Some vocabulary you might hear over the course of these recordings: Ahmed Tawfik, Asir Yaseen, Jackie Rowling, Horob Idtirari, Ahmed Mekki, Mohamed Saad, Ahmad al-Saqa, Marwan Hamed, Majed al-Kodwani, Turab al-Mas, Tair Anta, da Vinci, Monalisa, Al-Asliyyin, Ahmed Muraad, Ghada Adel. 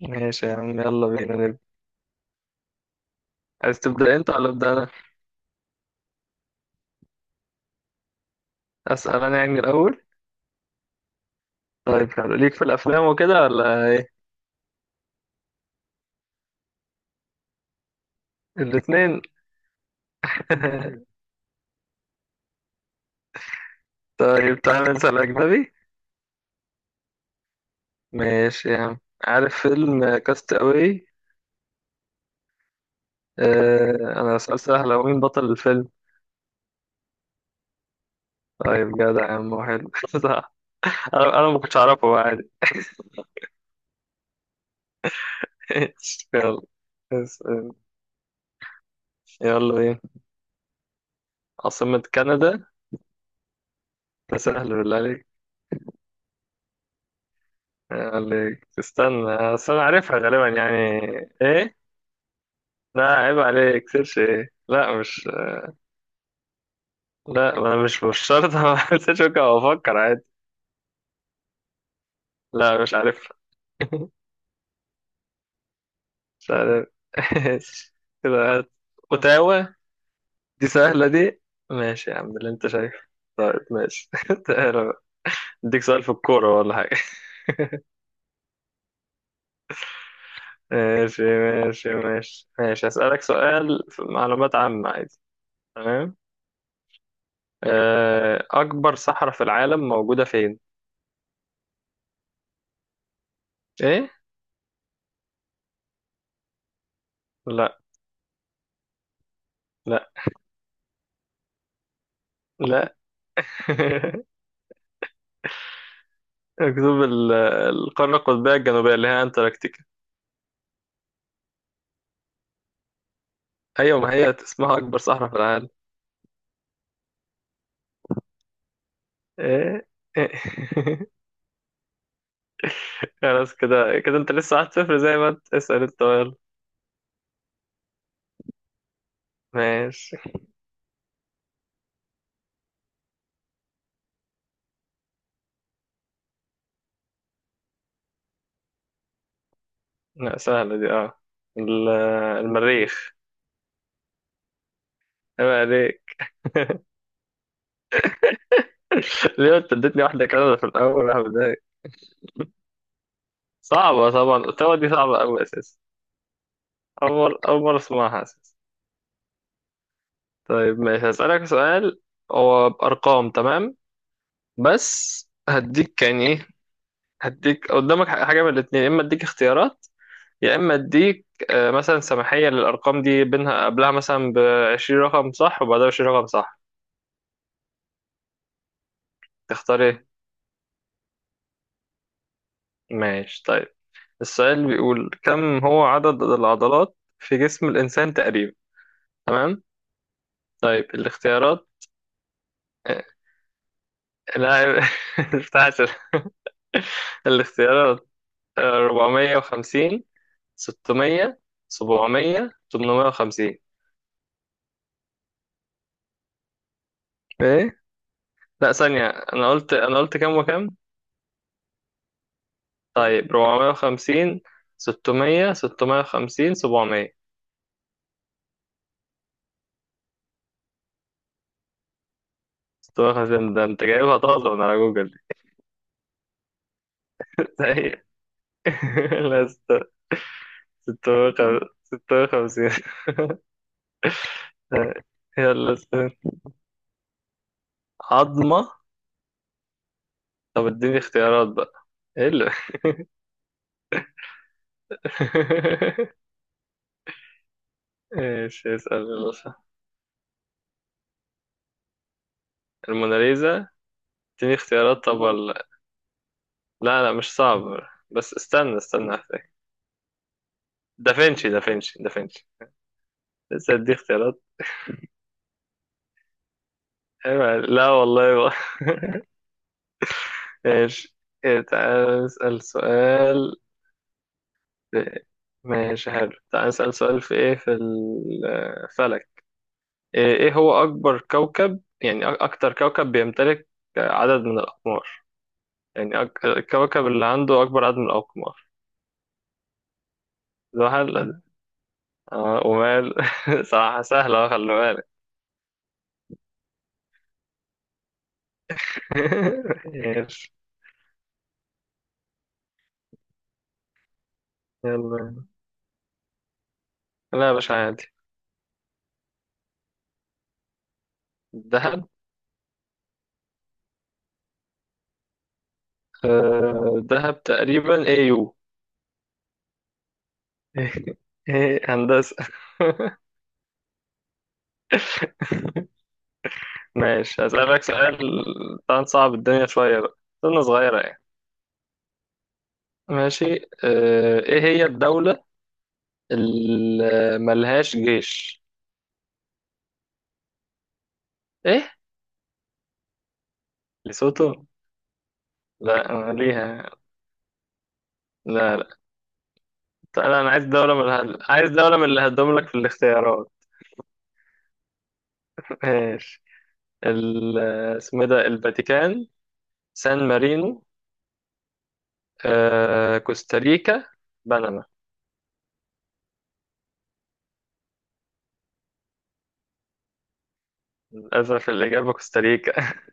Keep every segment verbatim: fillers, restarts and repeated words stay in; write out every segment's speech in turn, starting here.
ماشي يا عم، يلا بينا نبدأ. عايز تبدأ انت ولا أبدأ أنا؟ أسأل أنا يعني الأول؟ طيب حلو، ليك في الأفلام وكده ولا إيه؟ الاتنين. طيب تعالى نسأل أجنبي. ماشي يا عم. عارف فيلم كاست أواي؟ آه، أنا سؤال سهل، هو مين بطل الفيلم؟ طيب جدع يا عم، حلو. صح. أنا أنا ما كنتش أعرفه، هو عادي. يلا اسأل. يلا بينا. عاصمة كندا. ده سهل بالله عليك. يلا عليك. استنى، أصل أنا عارفها غالبا يعني. إيه؟ لا عيب عليك، سيرش ايه؟ لا مش. لا، ما أنا مش مش شرط. اعمل سيرش، ممكن افكر عادي. لا مش عارف. مش عارف. كده هات. اوتاوا. دي سهلة دي. ماشي يا عم اللي انت شايفه. طيب ماشي. تعالى بقى، اديك سؤال في الكورة ولا حاجة. ماشي ماشي ماشي ماشي، هسألك سؤال في معلومات عامة عادي. تمام. آه، أكبر صحراء في العالم موجودة فين؟ إيه؟ لا. لا. لا. القطب ال- القارة القطبية الجنوبية اللي هي أنتاركتيكا. أيوة، ما هي اسمها أكبر صحراء في العالم. إيه. إيه. خلاص، كده كده أنت لسه واحد صفر. زي ما أنت اسأل أنت، يلا. ماشي. لا سهلة دي، أه. ال- المريخ. عيب عليك. ليه أنت اديتني واحدة كده في الأول يا بداية؟ صعبة طبعا، التوا دي صعبة أوي أساسا. أول مرة أول مرة أسمعها أساسا. طيب ماشي، هسألك سؤال. هو بأرقام، تمام. بس هديك يعني إيه. هديك قدامك حاجة من الاتنين، يا إما أديك اختيارات، يا إما أديك، آه، مثلا سماحية للأرقام دي، بينها قبلها مثلا بعشرين رقم صح وبعدها بعشرين رقم صح. تختار إيه؟ ماشي طيب. السؤال بيقول كم هو عدد العضلات في جسم الإنسان تقريبا؟ تمام؟ طيب الاختيارات. آه، لا. بتاعت الاختيارات. آه، أربعميه وخمسين، ستميه، سبعميه، ثمانمئة وخمسين. إيه؟ لا ثانية، أنا قلت أنا قلت كام وكام؟ طيب أربعمئة وخمسين، ستميه، ستمئة وخمسين، سبعميه. ستمئة وخمسين ده انت جايبها طازة من على جوجل دي. طيب. لا است- ستميه وخمسين، ستميه وخمسين. يلا استنى، عظمة. طب اديني اختيارات بقى. ايه اللي؟ ايش اسأل يلا. صح. الموناليزا. اديني اختيارات طب ولا. لا لا مش صعب. بس استنى استنى احتاج. دافنشي دافنشي دافنشي. لسه ادي اختيارات. ايوه لا والله بقى. ماشي. إيه، تعال نسأل سؤال. في- ماشي حلو، تعال نسأل سؤال في ايه، في الفلك. ايه، إيه هو اكبر كوكب؟ يعني أك- اكتر كوكب بيمتلك عدد من الاقمار. يعني أك... الكوكب اللي عنده اكبر عدد من الاقمار. زحل ده. اه ومال. صراحة سهلة أهو، خلي بالك. ماشي. يلا. لا مش عادي. الذهب. آه، الذهب تقريبا ايه يو. ايه هندسة. ماشي، هسألك سؤال. طبعا صعب الدنيا شوية بقى، سنة صغيرة يعني. ماشي. اه، ايه هي الدولة اللي ملهاش جيش؟ ايه؟ ليسوتو؟ لا ما ليها. لا. لا. طيب انا عايز دولة من الهد... عايز دولة من اللي هدوم لك في الاختيارات. ماشي. ال... اسمه إيه ده، الفاتيكان. سان مارينو. آه... كوستاريكا. بنما. للأسف الإجابة كوستاريكا.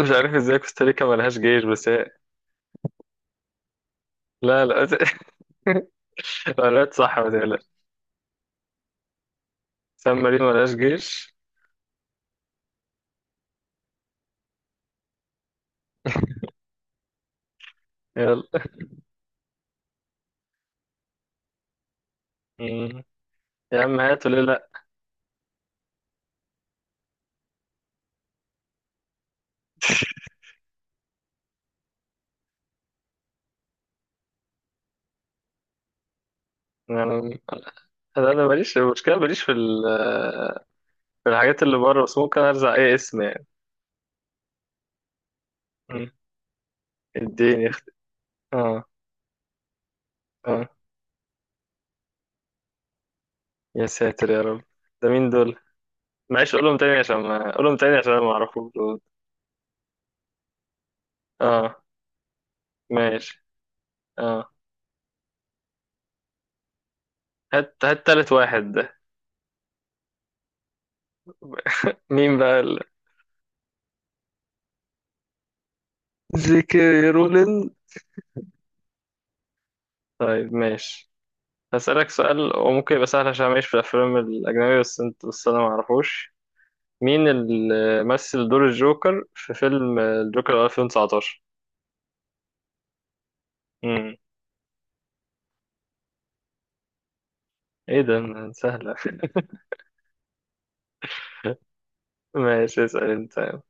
مش عارف ازاي كوستاريكا ملهاش جيش، بس هي. لا. لا. قررت صح ما تقلقش. سان مارينو ملهاش جيش. يلا. مم. يا عم هاتوا ليه لأ. يعني أنا أنا ماليش، المشكلة ماليش في ال- في الحاجات اللي بره، بس ممكن أرزع أي اسم يعني. مم. اديني اخت... آه. آه. يا ساتر يا رب، ده مين دول؟ معلش قولهم تاني، عشان ما قولهم تاني عشان أنا معرفوش دول. آه. ماشي. آه. هات هات تالت واحد ده. مين بقى ال...؟ جيكي رولينج. طيب ماشي، هسألك سؤال وممكن يبقى سهل، عشان ماليش في الأفلام الأجنبية بس أنت، بس أنا معرفوش. مين اللي مثل دور الجوكر في فيلم الجوكر ألفين وتسعتاشر؟ امم. ايه ده ما سهلة. ماشي اسأل انت.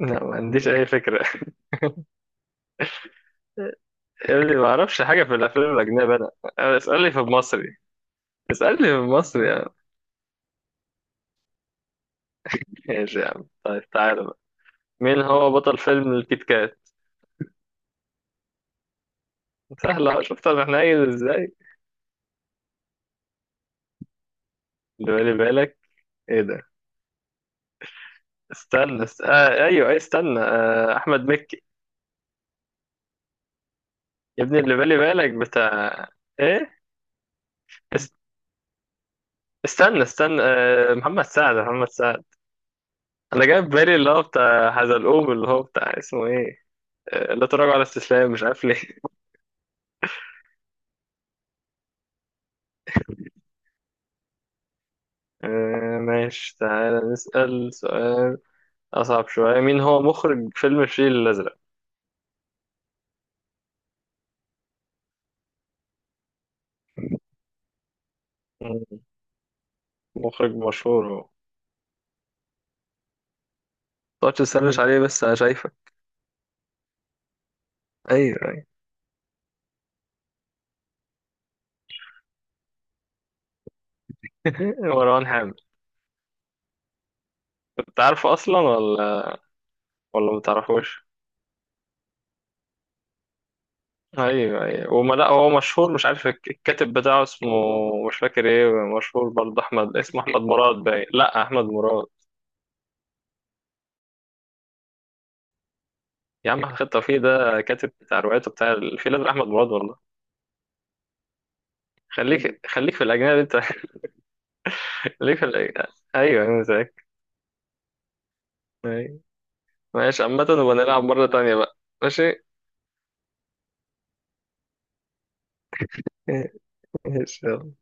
لا ما عنديش اي فكرة. يا ابني ما اعرفش حاجة في الافلام الاجنبية انا. أنا اسألني في المصري. اسألني في المصري يا عم. ماشي يا عم. طيب تعالى بقى، مين هو بطل فيلم الكيت كات؟ سهلة، شفت انا حنين ازاي. اللي بالي بالك. ايه ده؟ استنى است... آه ايوه، أيوة، استنى، آه احمد مكي. يا ابني اللي بالي بالك بتاع ايه؟ استنى استنى آه، محمد سعد محمد سعد. انا جاي في بالي اللي هو بتاع حزلقوم، اللي هو بتاع اسمه ايه، آه، لا تراجع ولا استسلام، مش عارف ليه. آه، ماشي تعالى نسأل سؤال اصعب شوية. مين هو مخرج فيلم الفيل الازرق؟ مم، مخرج مشهور هو. متقعدش تسرش عليه بس انا شايفك. ايوه ايوه. مروان حامد. كنت عارفه اصلا ولا ولا متعرفوش؟ ايوه ايوه، وما لا هو مشهور. مش عارف الك- الكاتب بتاعه اسمه مش فاكر ايه. مشهور برضه احمد، اسمه احمد مراد باين، لا احمد مراد. يا عم احمد توفيق ده كاتب، بتاع روايته بتاع الفيل الازرق احمد مراد والله، ايوه. خليك خليك في الاجنبي انت. خليك في الأجنبي. ايوه انا متأكد. أيوة. ماشي، عامة نبقى نلعب مرة تانية بقى. ماشي. ماشي يلا.